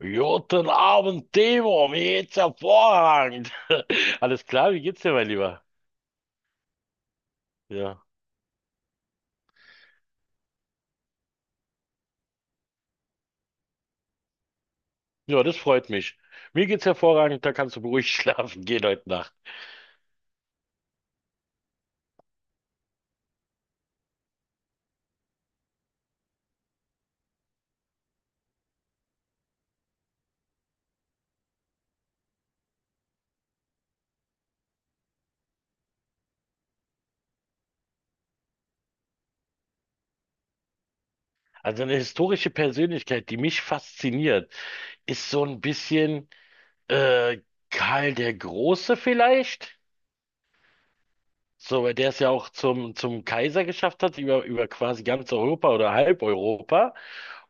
Guten Abend, Timo, mir geht's hervorragend. Alles klar, wie geht's dir, mein Lieber? Ja, ja, das freut mich. Mir geht's hervorragend, da kannst du beruhigt schlafen gehen heute Nacht. Also eine historische Persönlichkeit, die mich fasziniert, ist so ein bisschen äh, Karl der Große vielleicht? So, weil der es ja auch zum Kaiser geschafft hat, über quasi ganz Europa oder halb Europa.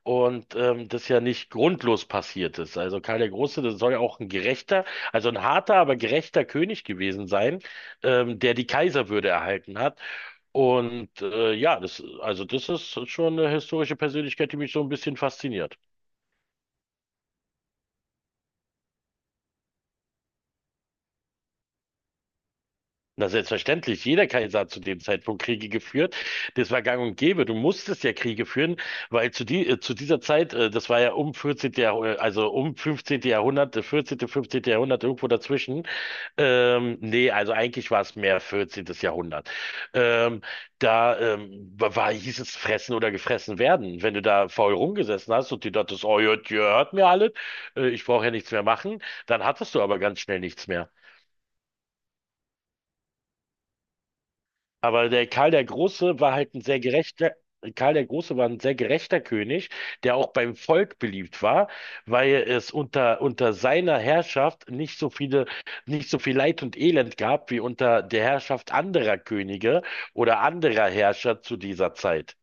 Und das ja nicht grundlos passiert ist. Also Karl der Große, das soll ja auch ein gerechter, also ein harter, aber gerechter König gewesen sein, der die Kaiserwürde erhalten hat. Und ja, das, also das ist schon eine historische Persönlichkeit, die mich so ein bisschen fasziniert. Na, selbstverständlich. Jeder Kaiser hat zu dem Zeitpunkt Kriege geführt. Das war gang und gäbe. Du musstest ja Kriege führen, weil zu, die, zu dieser Zeit, das war ja um 14. Jahrh also um 15. Jahrhundert, 14., 15. Jahrhundert, irgendwo dazwischen. Nee, also eigentlich war es mehr 14. Jahrhundert. Ähm, da war, hieß es fressen oder gefressen werden. Wenn du da faul rumgesessen hast und die dachtest, oh, ihr hört mir alle, ich brauche ja nichts mehr machen, dann hattest du aber ganz schnell nichts mehr. Aber der Karl der Große war halt ein sehr gerechter, Karl der Große war ein sehr gerechter König, der auch beim Volk beliebt war, weil es unter seiner Herrschaft nicht so viele, nicht so viel Leid und Elend gab wie unter der Herrschaft anderer Könige oder anderer Herrscher zu dieser Zeit.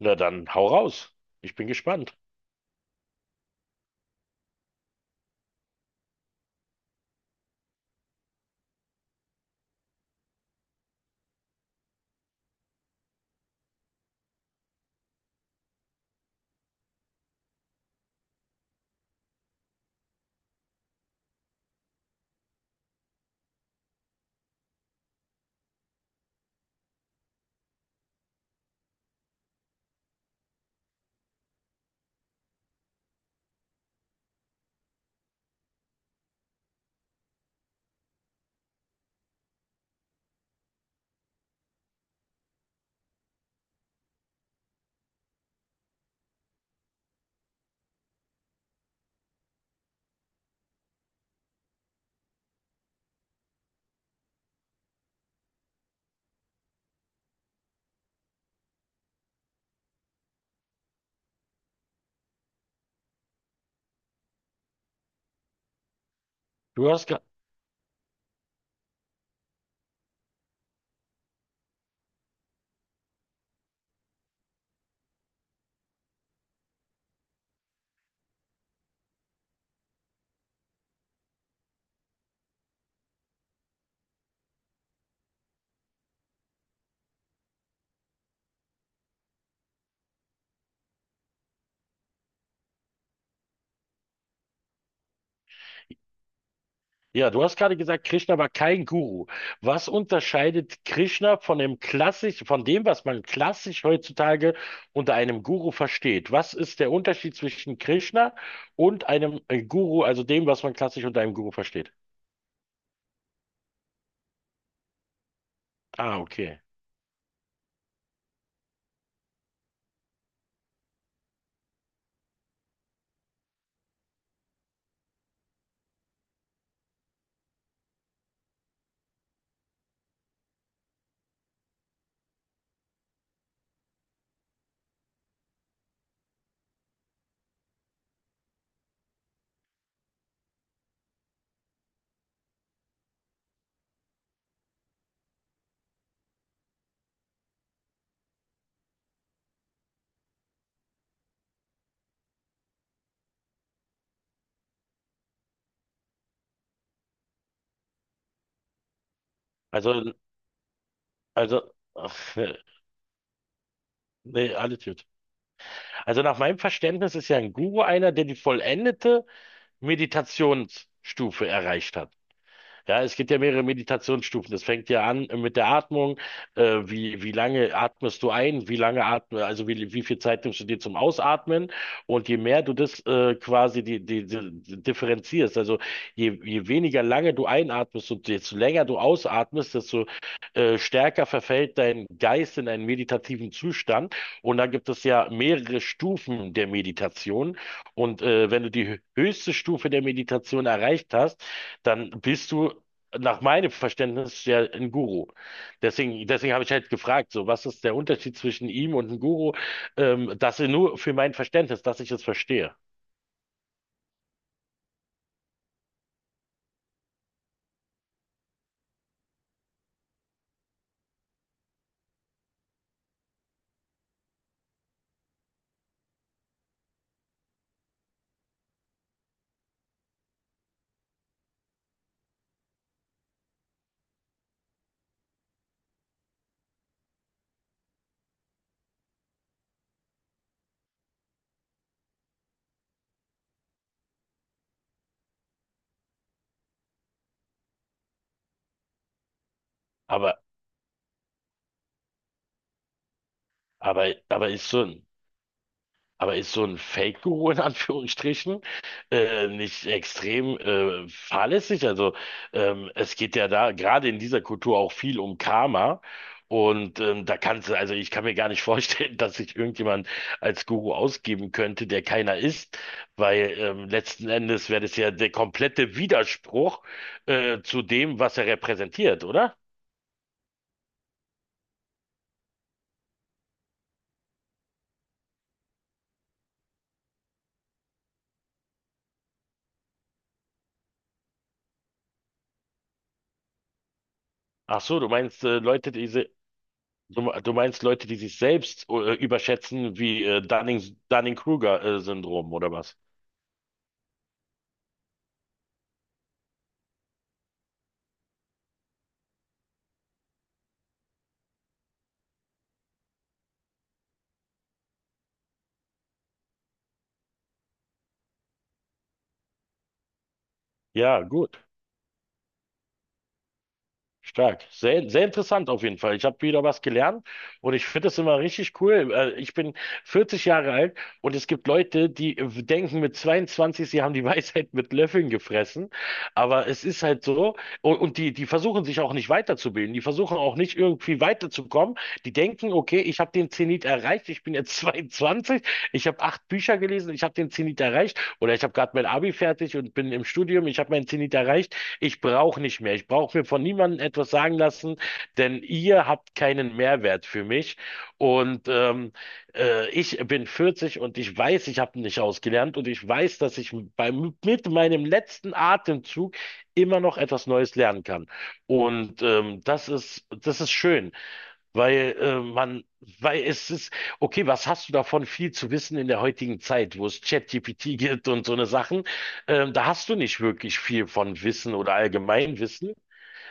Na dann, hau raus. Ich bin gespannt. Du hast, ge- Ja, du hast gerade gesagt, Krishna war kein Guru. Was unterscheidet Krishna von dem klassisch, von dem, was man klassisch heutzutage unter einem Guru versteht? Was ist der Unterschied zwischen Krishna und einem Guru, also dem, was man klassisch unter einem Guru versteht? Ah, okay. Also, also, ach, äh, nee, alles gut. Also nach meinem Verständnis ist ja ein Guru einer, der die vollendete Meditationsstufe erreicht hat. Ja, es gibt ja mehrere Meditationsstufen. Das fängt ja an mit der Atmung. Wie, wie lange atmest du ein? Wie lange atme, also wie, wie viel Zeit nimmst du dir zum Ausatmen? Und je mehr du das quasi die, die, die differenzierst, also je, je weniger lange du einatmest und desto länger du ausatmest, desto stärker verfällt dein Geist in einen meditativen Zustand. Und da gibt es ja mehrere Stufen der Meditation. Und wenn du die höchste Stufe der Meditation erreicht hast, dann bist du nach meinem Verständnis ja ein Guru. Deswegen habe ich halt gefragt, so, was ist der Unterschied zwischen ihm und einem Guru? Das nur für mein Verständnis, dass ich es verstehe. Aber, aber ist so. Aber ist so ein Fake-Guru in Anführungsstrichen nicht extrem fahrlässig? Also es geht ja da gerade in dieser Kultur auch viel um Karma. Und da kannst du, also ich kann mir gar nicht vorstellen, dass sich irgendjemand als Guru ausgeben könnte, der keiner ist, weil letzten Endes wäre das ja der komplette Widerspruch zu dem, was er repräsentiert, oder? Ach so, du meinst Leute, diese. Du meinst Leute, die sich selbst überschätzen, wie Dunning-Kruger-Syndrom oder was? Ja, gut. Stark. Sehr, sehr interessant auf jeden Fall. Ich habe wieder was gelernt und ich finde es immer richtig cool. Ich bin 40 Jahre alt und es gibt Leute, die denken mit 22, sie haben die Weisheit mit Löffeln gefressen. Aber es ist halt so. Und die, die versuchen sich auch nicht weiterzubilden. Die versuchen auch nicht irgendwie weiterzukommen. Die denken, okay, ich habe den Zenit erreicht. Ich bin jetzt 22. Ich habe 8 Bücher gelesen. Ich habe den Zenit erreicht. Oder ich habe gerade mein Abi fertig und bin im Studium. Ich habe meinen Zenit erreicht. Ich brauche nicht mehr. Ich brauche mir von niemandem etwas sagen lassen, denn ihr habt keinen Mehrwert für mich. Und ich bin 40 und ich weiß, ich habe nicht ausgelernt und ich weiß, dass ich beim, mit meinem letzten Atemzug immer noch etwas Neues lernen kann. Und das ist schön. Weil man, weil es ist, okay, was hast du davon, viel zu wissen in der heutigen Zeit, wo es ChatGPT gibt und so eine Sachen, da hast du nicht wirklich viel von Wissen oder Allgemeinwissen,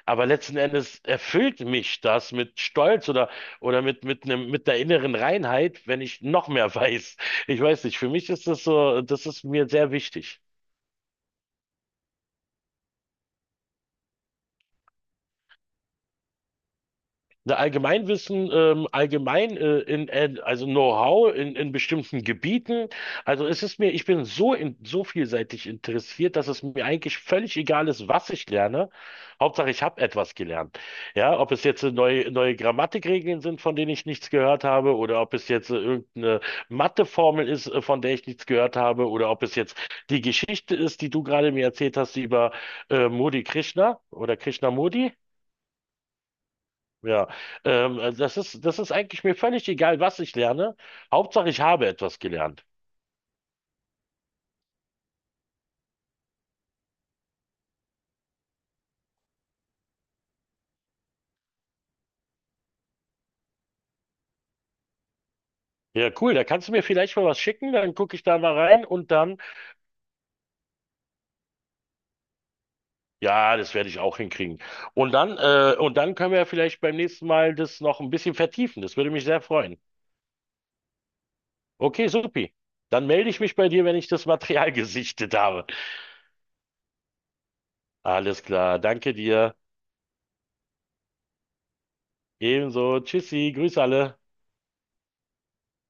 aber letzten Endes erfüllt mich das mit Stolz oder mit einem, mit der inneren Reinheit, wenn ich noch mehr weiß. Ich weiß nicht, für mich ist das so, das ist mir sehr wichtig. Ne, Allgemeinwissen, allgemein also Know-how in bestimmten Gebieten. Also es ist mir, ich bin so in, so vielseitig interessiert, dass es mir eigentlich völlig egal ist, was ich lerne. Hauptsache, ich habe etwas gelernt. Ja, ob es jetzt neue, neue Grammatikregeln sind, von denen ich nichts gehört habe, oder ob es jetzt irgendeine Matheformel ist, von der ich nichts gehört habe, oder ob es jetzt die Geschichte ist, die du gerade mir erzählt hast über Modi Krishna oder Krishnamurti. Ja, also das ist eigentlich mir völlig egal, was ich lerne. Hauptsache, ich habe etwas gelernt. Ja, cool. Da kannst du mir vielleicht mal was schicken, dann gucke ich da mal rein und dann, ja, das werde ich auch hinkriegen. Und dann können wir ja vielleicht beim nächsten Mal das noch ein bisschen vertiefen. Das würde mich sehr freuen. Okay, supi. Dann melde ich mich bei dir, wenn ich das Material gesichtet habe. Alles klar. Danke dir. Ebenso. Tschüssi. Grüß alle.